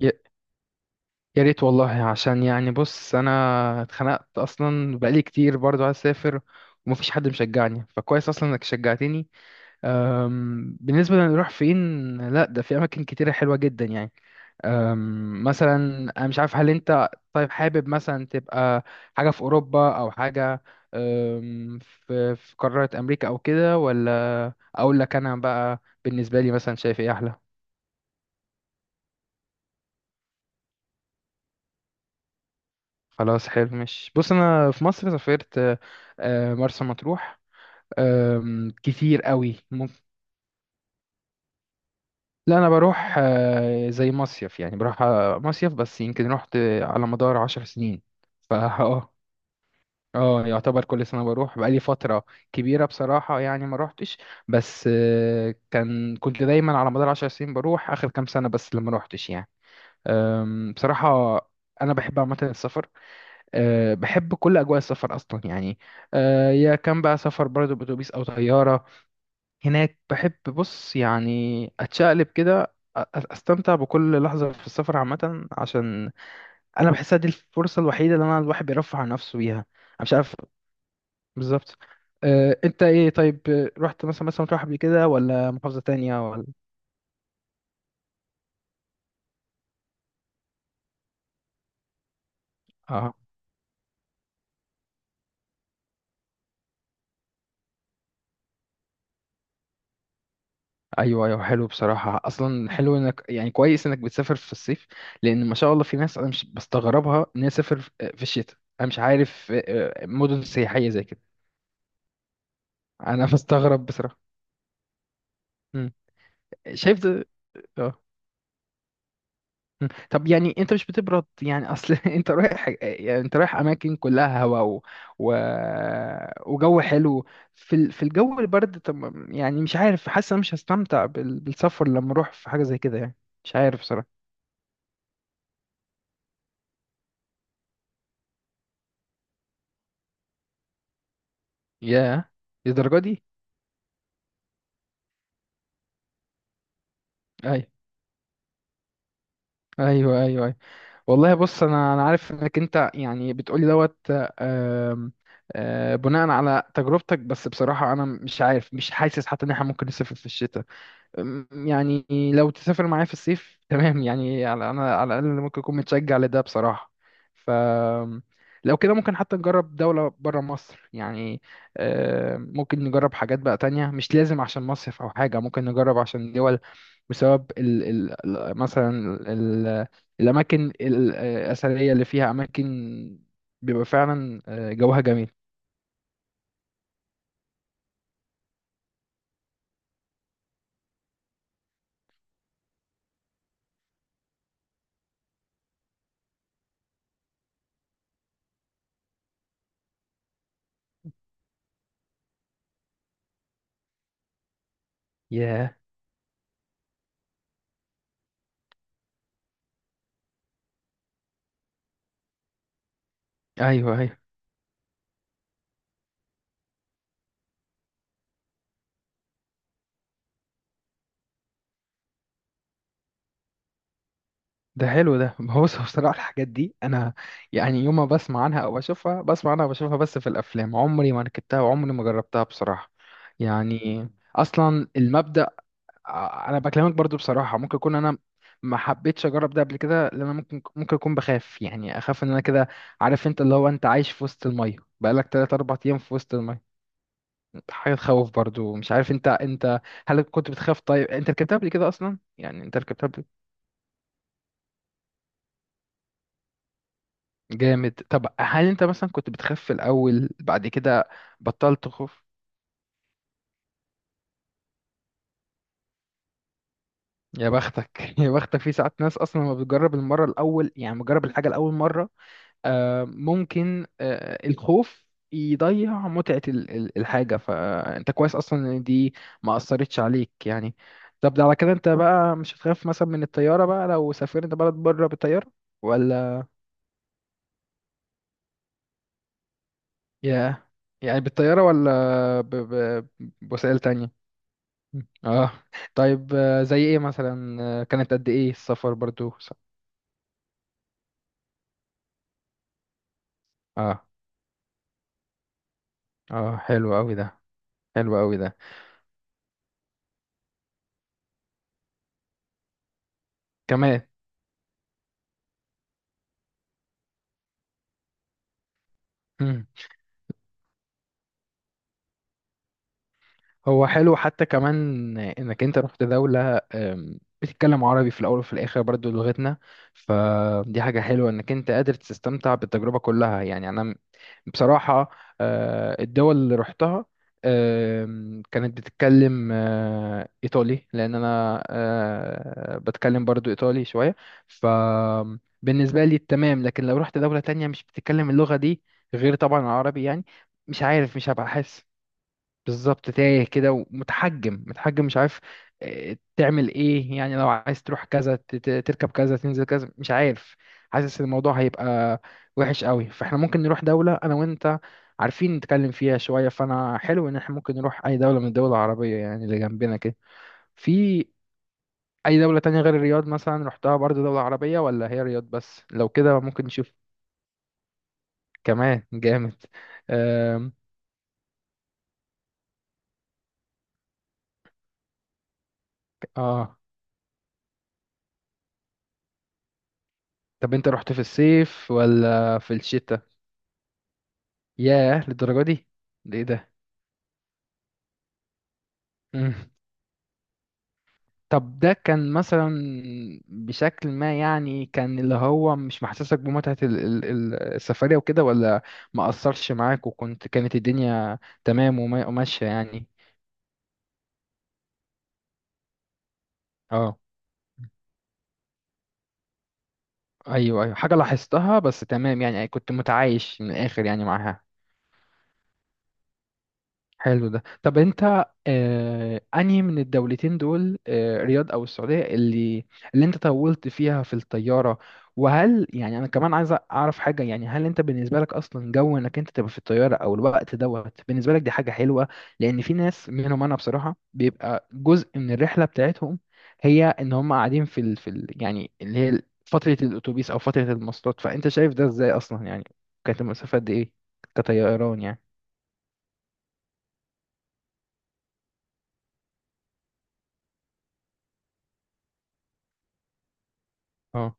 يا يا ريت والله، عشان يعني بص انا اتخنقت اصلا بقالي كتير برضو عايز اسافر، ومفيش حد مشجعني، فكويس اصلا انك شجعتني. بالنسبه لنروح فين، لا ده في اماكن كتيره حلوه جدا يعني. مثلا انا مش عارف، هل انت طيب حابب مثلا تبقى حاجه في اوروبا او حاجه، في قاره امريكا او كده، ولا اقول لك انا بقى بالنسبه لي مثلا شايف ايه احلى. خلاص حلو، مش بص انا في مصر سافرت مرسى مطروح. كتير قوي لا انا بروح زي مصيف يعني، بروح مصيف، بس يمكن رحت على مدار عشر سنين. فا اه، اه يعتبر كل سنة بروح. بقالي فترة كبيرة بصراحة يعني ما روحتش، بس كان كنت دايما على مدار عشر سنين بروح، آخر كام سنة بس لما روحتش يعني. بصراحة أنا بحب عامة السفر، أه بحب كل أجواء السفر أصلا يعني. أه يا كان بقى سفر برضه بأتوبيس أو طيارة، هناك بحب، بص يعني أتشقلب كده، أستمتع بكل لحظة في السفر عامة، عشان أنا بحسها دي الفرصة الوحيدة اللي أنا الواحد بيرفع عن نفسه بيها. أنا مش عارف. بالظبط. أه أنت إيه طيب، رحت مثلا، مثلا تروح قبل كده ولا محافظة تانية ولا. آه. ايوه ايوه، حلو بصراحه، اصلا حلو انك يعني، كويس انك بتسافر في الصيف، لان ما شاء الله في ناس انا مش بستغربها ان هي تسافر في في الشتاء. انا مش عارف مدن سياحيه زي كده. انا بستغرب بصراحه. مم. شايف ده. اه. مم. طب يعني انت مش بتبرد يعني، اصل انت رايح يعني انت رايح اماكن كلها هواء و... و... وجو حلو، في ال... في الجو البرد. طب يعني مش عارف، حاسس انا مش هستمتع بال... بالسفر لما اروح في حاجه زي كده يعني. مش عارف بصراحه. ياه، للدرجه دي؟ ايوه، ايوه، ايوه، ايوه، والله بص انا عارف انك انت يعني بتقولي دوت، آم، آه، بناء على تجربتك، بس بصراحه انا مش عارف، مش حاسس حتى ان احنا ممكن نسافر في الشتاء. يعني لو تسافر معايا في الصيف تمام يعني، على انا على الاقل ممكن اكون متشجع لده بصراحه. ف لو كده ممكن حتى نجرب دوله بره مصر يعني. ممكن نجرب حاجات بقى تانية مش لازم عشان مصيف او حاجه، ممكن نجرب عشان دول، بسبب مثلا ال الاماكن الاثريه اللي فيها، اماكن بيبقى فعلا جوها جميل. ياه، ايوه ايوه. ده حلو ده هو بص، هو بصراحة الحاجات دي أنا يعني يوم ما بسمع عنها أو بشوفها، بسمع عنها وبشوفها بس في الأفلام، عمري ما ركبتها وعمري ما جربتها بصراحة يعني. أصلا المبدأ، أنا بكلمك برضو بصراحة، ممكن أكون أنا ما حبيتش أجرب ده قبل كده لأن أنا ممكن أكون بخاف يعني، أخاف إن أنا كده، عارف أنت اللي هو أنت عايش في وسط المية بقالك تلات أربع أيام في وسط المية، حاجة تخوف برضو. مش عارف أنت هل كنت بتخاف؟ طيب أنت ركبتها قبل كده أصلا يعني؟ أنت ركبتها. جامد. طب هل انت مثلا كنت بتخاف في الاول، بعد كده بطلت تخاف؟ يا بختك. يا بختك، في ساعات ناس اصلا لما بتجرب المره الاول، يعني بتجرب الحاجه لاول مره ممكن الخوف يضيع متعه الحاجه، فانت كويس اصلا ان دي ما اثرتش عليك يعني. طب ده على كده انت بقى مش هتخاف مثلا من الطياره بقى لو سافرت بلد بره بالطياره ولا؟ يا يعني بالطياره ولا بوسائل تانية؟ اه، طيب زي ايه مثلا؟ كانت قد ايه السفر برضو اه، اه حلو قوي ده، حلو قوي ده، كمان. مم. هو حلو حتى كمان انك انت رحت دولة بتتكلم عربي، في الاول وفي الاخر برضو لغتنا، فدي حاجة حلوة انك انت قادر تستمتع بالتجربة كلها يعني. انا بصراحة الدول اللي رحتها، كانت بتتكلم إيطالي، لأن أنا بتكلم برضو إيطالي شوية، فبالنسبة لي تمام. لكن لو رحت دولة تانية مش بتتكلم اللغة دي، غير طبعا العربي يعني، مش عارف، مش هبقى. بالظبط، تايه كده، ومتحجم متحجم، مش عارف تعمل ايه يعني، لو عايز تروح كذا، تركب كذا، تنزل كذا، مش عارف، حاسس ان الموضوع هيبقى وحش قوي. فاحنا ممكن نروح دولة انا وانت عارفين نتكلم فيها شوية، فانا حلو ان احنا ممكن نروح اي دولة من الدول العربية يعني، اللي جنبنا كده. في اي دولة تانية غير الرياض مثلا، رحتها برضو دولة عربية ولا هي الرياض بس؟ لو كده ممكن نشوف. كمان جامد. آم، اه. طب انت رحت في الصيف ولا في الشتاء؟ ياه، للدرجة دي؟ ده ايه ده. مم. طب ده كان مثلا بشكل ما يعني، كان اللي هو مش محسسك بمتعة السفرية وكده، ولا ما أثرش معاك وكنت، كانت الدنيا تمام وماشية يعني؟ اه، ايوه ايوه، حاجة لاحظتها بس. تمام يعني كنت متعايش من الآخر يعني معاها. حلو ده. طب انت آه انهي من الدولتين دول، آه رياض او السعودية، اللي انت طولت فيها في الطيارة؟ وهل يعني انا كمان عايز اعرف حاجة، يعني هل انت بالنسبة لك اصلا جو انك انت تبقى في الطيارة او الوقت دوت بالنسبة لك دي حاجة حلوة؟ لان في ناس منهم، انا بصراحة بيبقى جزء من الرحلة بتاعتهم، هي ان هم قاعدين في ال... في ال... يعني اللي هي فترة الاتوبيس او فترة المواصلات. فانت شايف ده ازاي اصلا يعني؟ كانت المسافة قد ايه كطيران يعني؟ اه،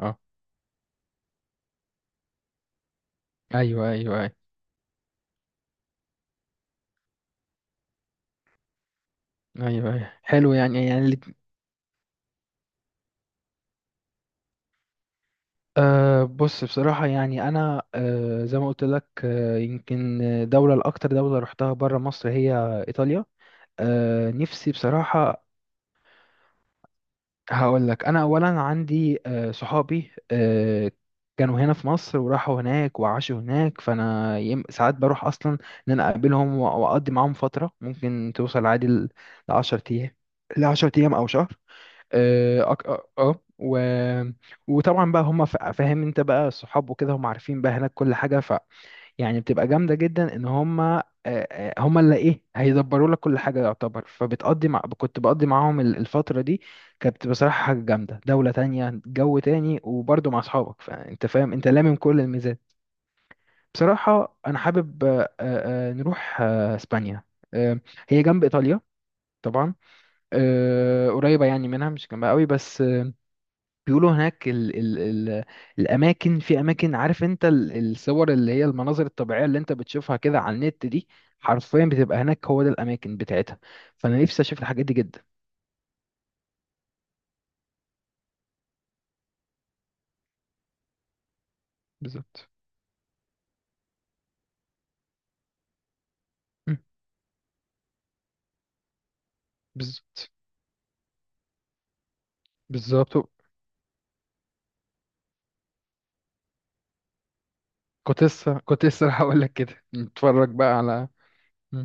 اه، ايوه ايوه ايوه، ايوه ايوه حلو يعني. يعني أه بص، بصراحه يعني انا أه زي ما قلت لك، أه يمكن دوله الاكتر دوله رحتها بره مصر هي ايطاليا. أه نفسي بصراحه. هقول لك، انا اولا عندي أه صحابي أه كانوا هنا في مصر وراحوا هناك وعاشوا هناك، فانا ساعات بروح اصلا ان انا اقابلهم، واقضي معاهم فتره ممكن توصل عادي ل 10 ايام، ل 10 ايام او شهر. اه، اه، آه. و... وطبعا بقى هم فاهم انت بقى الصحاب وكده، هم عارفين بقى هناك كل حاجه، ف يعني بتبقى جامده جدا ان هم هم اللي ايه هيدبروا لك كل حاجه يعتبر، فبتقضي مع، كنت بقضي معاهم الفتره دي. كانت بصراحه حاجه جامده، دوله تانية، جو تاني، وبرضه مع اصحابك، فانت فاهم انت لامم كل الميزات. بصراحه انا حابب نروح اسبانيا. آه، هي جنب ايطاليا طبعا، قريبه يعني منها، مش جنبها قوي بس. بيقولوا هناك ال الاماكن، في اماكن، عارف انت الصور اللي هي المناظر الطبيعيه اللي انت بتشوفها كده على النت دي، حرفيا بتبقى هناك، هو ده الاماكن بتاعتها. فانا نفسي اشوف الحاجات دي جدا. بالظبط. م. بالظبط. بالظبط. كنت لسه، كنت لسه راح اقول لك كده نتفرج بقى على. م.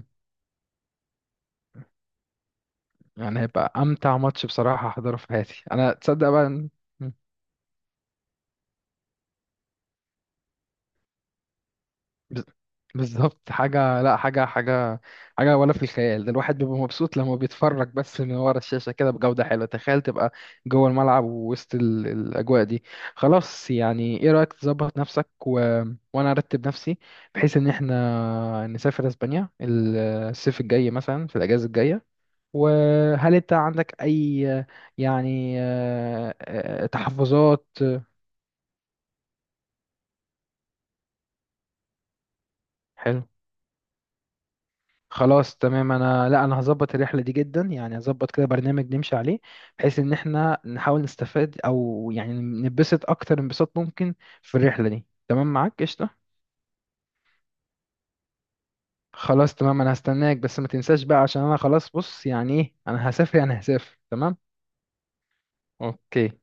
يعني هيبقى امتع ماتش بصراحه احضره في حياتي انا، تصدق بقى إمم. بز- بالظبط، حاجة لا، حاجة حاجة ولا في الخيال. ده الواحد بيبقى مبسوط لما بيتفرج بس من ورا الشاشة كده بجودة حلوة، تخيل تبقى جوه الملعب ووسط الأجواء دي. خلاص، يعني ايه رأيك، تظبط نفسك و... وأنا أرتب نفسي، بحيث إن احنا نسافر أسبانيا الصيف الجاي مثلا في الأجازة الجاية. وهل أنت عندك أي يعني تحفظات؟ حلو. خلاص تمام، انا لا انا هظبط الرحله دي جدا يعني، هظبط كده برنامج نمشي عليه، بحيث ان احنا نحاول نستفاد، او يعني نبسط اكتر انبساط ممكن في الرحله دي. تمام معاك قشطه. خلاص تمام، انا هستناك، بس ما تنساش بقى، عشان انا خلاص، بص يعني ايه، انا هسافر يعني هسافر تمام. اوكي.